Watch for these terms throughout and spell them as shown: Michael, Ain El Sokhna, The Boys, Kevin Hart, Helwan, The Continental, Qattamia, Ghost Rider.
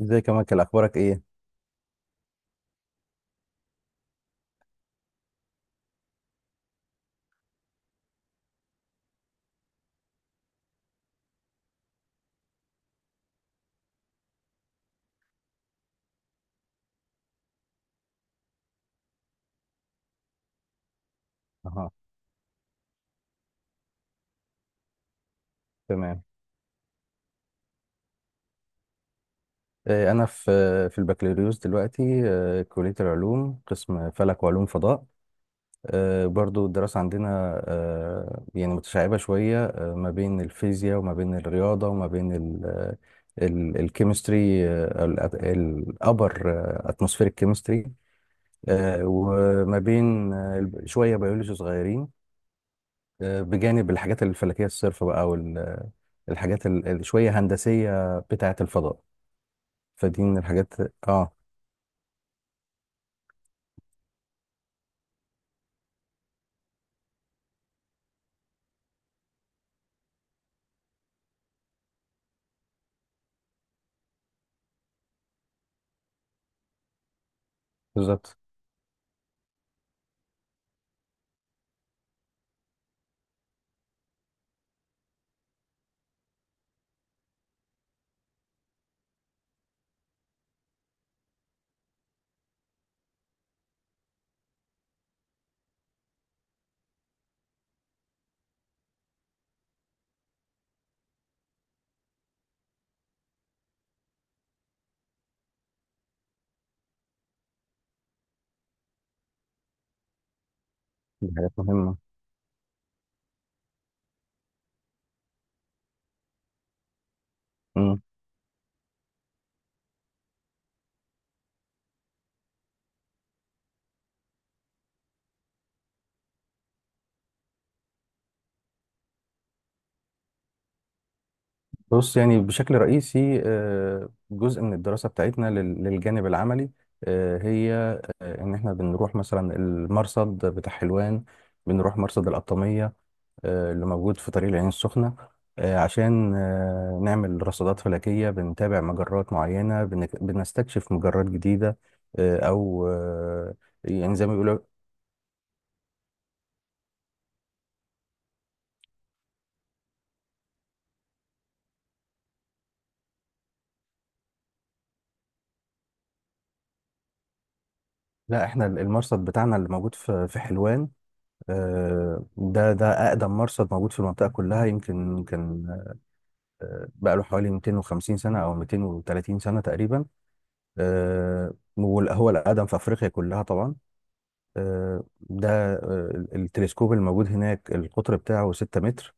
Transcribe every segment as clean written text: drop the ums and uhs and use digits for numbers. ازيك يا مايكل اخبارك ايه؟ اها. تمام. انا في في البكالوريوس دلوقتي. كلية العلوم، قسم فلك وعلوم فضاء. برضو الدراسة عندنا يعني متشعبة شوية، ما بين الفيزياء وما بين الرياضة وما بين الكيمستري، آه، ال- الابر اتموسفيريك كيمستري، وما بين شوية بيولوجي صغيرين، بجانب الحاجات الفلكية الصرفة بقى، والحاجات شوية هندسية بتاعة الفضاء. فدي من الحاجات. اه. بالظبط. دي حاجات مهمة. مم. بص، يعني بشكل رئيسي جزء من الدراسة بتاعتنا للجانب العملي، آه، هي آه، ان احنا بنروح مثلا المرصد بتاع حلوان، بنروح مرصد القطامية اللي موجود في طريق العين السخنة، عشان نعمل رصادات فلكية، بنتابع مجرات معينة، بنستكشف مجرات جديدة آه، او آه، يعني زي ما بيقولوا. لا، احنا المرصد بتاعنا اللي موجود في حلوان، ده أقدم مرصد موجود في المنطقة كلها، يمكن كان بقى له حوالي 250 سنة أو 230 سنة تقريبا. هو الأقدم في أفريقيا كلها طبعا. آه، ده آه، التلسكوب الموجود هناك القطر بتاعه 6 متر،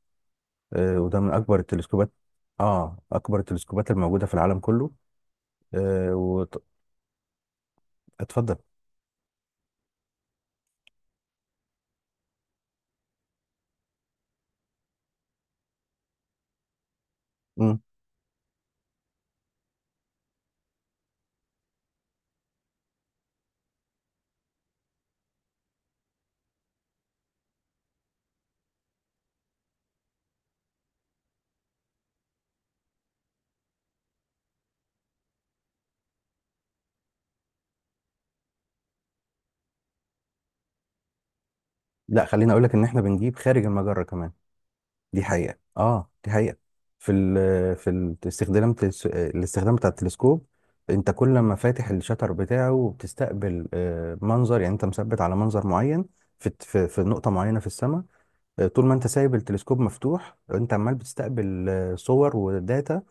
وده من أكبر التلسكوبات. آه، أكبر التلسكوبات الموجودة في العالم كله. آه، وت- اتفضل. مم. لا، خليني أقول لك إن إحنا بنجيب خارج المجرة كمان. دي حقيقة، اه دي حقيقة. في ال في الاستخدام بتاع التلسكوب، انت كل ما فاتح الشتر بتاعه وبتستقبل منظر، يعني انت مثبت على منظر معين في نقطة معينة في السماء. طول ما انت سايب التلسكوب مفتوح، انت عمال بتستقبل صور وداتا،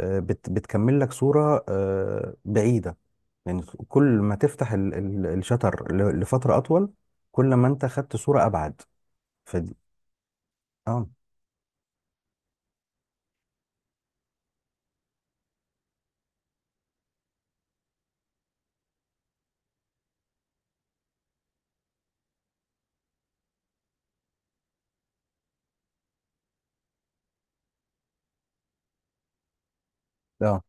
آه، بت بتكمل لك صورة بعيدة يعني. كل ما تفتح الشتر لفترة أطول، كل ما انت خدت صورة أبعد. فدي. اه. اه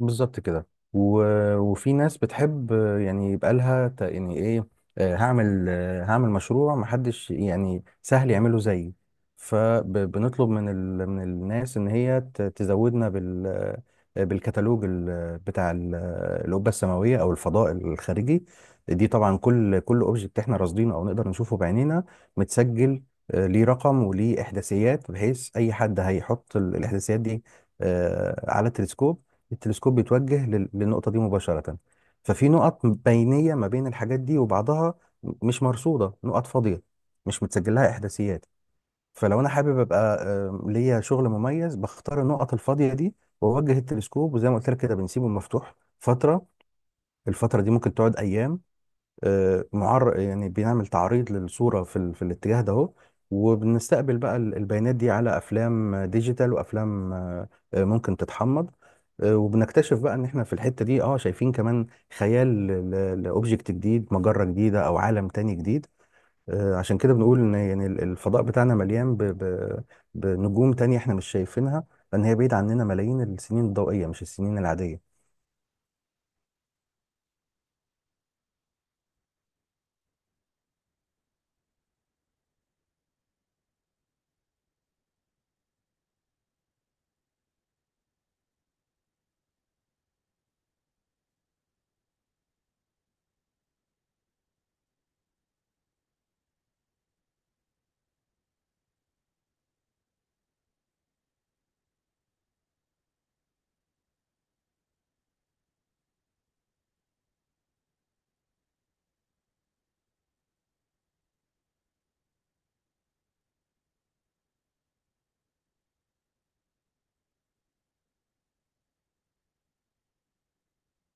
بالظبط كده. و... وفي ناس بتحب يعني يبقى لها يعني ايه، هعمل مشروع محدش يعني سهل يعمله زيي. فبنطلب من من الناس ان هي تزودنا بالكتالوج بتاع القبه السماويه او الفضاء الخارجي. دي طبعا كل اوبجكت احنا راصدينه او نقدر نشوفه بعينينا متسجل ليه رقم وليه احداثيات، بحيث اي حد هيحط الاحداثيات دي على التلسكوب، التلسكوب بيتوجه للنقطة دي مباشرة. ففي نقط بينية ما بين الحاجات دي وبعضها مش مرصودة، نقط فاضية مش متسجل لها إحداثيات. فلو أنا حابب أبقى ليا شغل مميز، بختار النقط الفاضية دي وأوجه التلسكوب، وزي ما قلت لك كده بنسيبه مفتوح فترة. الفترة دي ممكن تقعد أيام. آه، معر يعني بنعمل تعريض للصورة في, ال... في الاتجاه ده اهو. وبنستقبل بقى البيانات دي على افلام ديجيتال وافلام ممكن تتحمض، وبنكتشف بقى ان احنا في الحتة دي اه شايفين كمان خيال لاوبجكت جديد، مجرة جديدة او عالم تاني جديد. عشان كده بنقول ان يعني الفضاء بتاعنا مليان بنجوم تانية احنا مش شايفينها، لان هي بعيد عننا ملايين السنين الضوئية مش السنين العادية.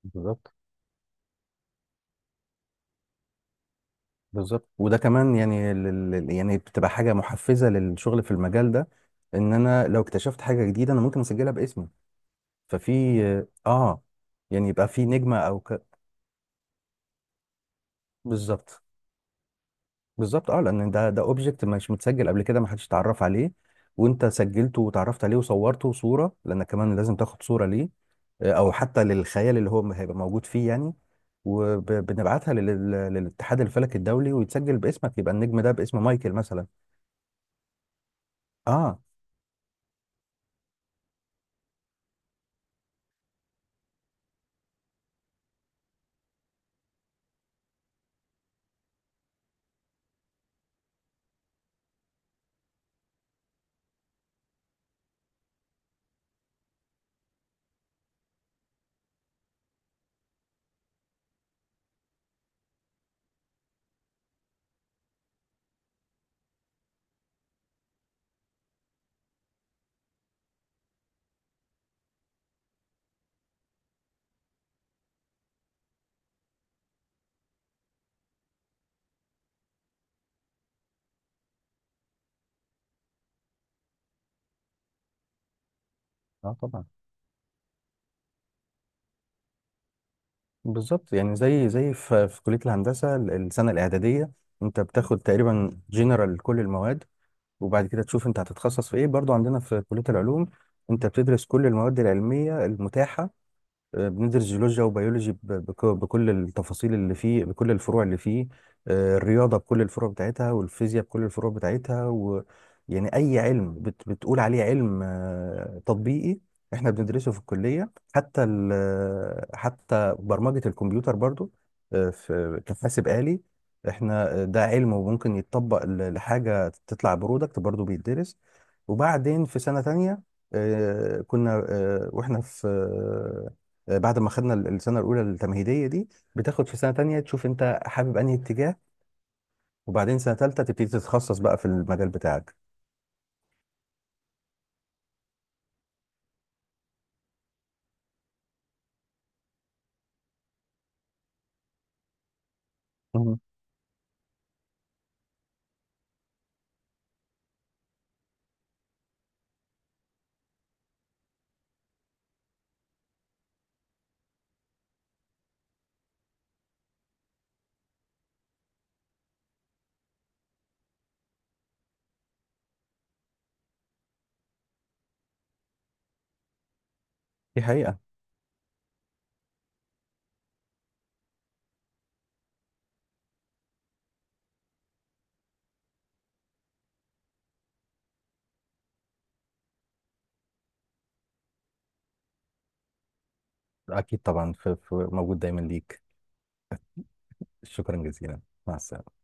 بالظبط. بالظبط. وده كمان يعني يعني بتبقى حاجه محفزه للشغل في المجال ده، ان انا لو اكتشفت حاجه جديده انا ممكن اسجلها باسمي. ففي اه، يعني يبقى في نجمه او بالظبط. بالظبط اه، لان ده اوبجكت مش متسجل قبل كده، ما حدش اتعرف عليه، وانت سجلته وتعرفت عليه وصورته صوره، لانك كمان لازم تاخد صوره ليه او حتى للخيال اللي هو هيبقى موجود فيه يعني. وبنبعتها للاتحاد الفلكي الدولي ويتسجل باسمك، يبقى النجم ده باسم مايكل مثلا. اه. اه طبعا. بالظبط، يعني زي زي في في كلية الهندسة السنة الإعدادية أنت بتاخد تقريبا جنرال كل المواد، وبعد كده تشوف أنت هتتخصص في إيه. برضو عندنا في كلية العلوم أنت بتدرس كل المواد العلمية المتاحة. بندرس جيولوجيا وبيولوجي بكل التفاصيل اللي فيه، بكل الفروع اللي فيه، الرياضة بكل الفروع بتاعتها، والفيزياء بكل الفروع بتاعتها، و يعني أي علم بتقول عليه علم تطبيقي احنا بندرسه في الكلية. حتى برمجة الكمبيوتر برضو، في كحاسب آلي، احنا ده علم وممكن يتطبق لحاجة تطلع برودكت برضو بيتدرس. وبعدين في سنة تانية آه، كنا آه، واحنا في آه، بعد ما خدنا السنه الاولى التمهيديه دي، بتاخد في سنه تانية تشوف انت حابب انهي اتجاه، وبعدين سنه تالتة تبتدي تتخصص بقى في المجال بتاعك. مهم. دي حقيقه. اكيد طبعا، موجود دايما ليك. شكرا جزيلا. مع السلامه.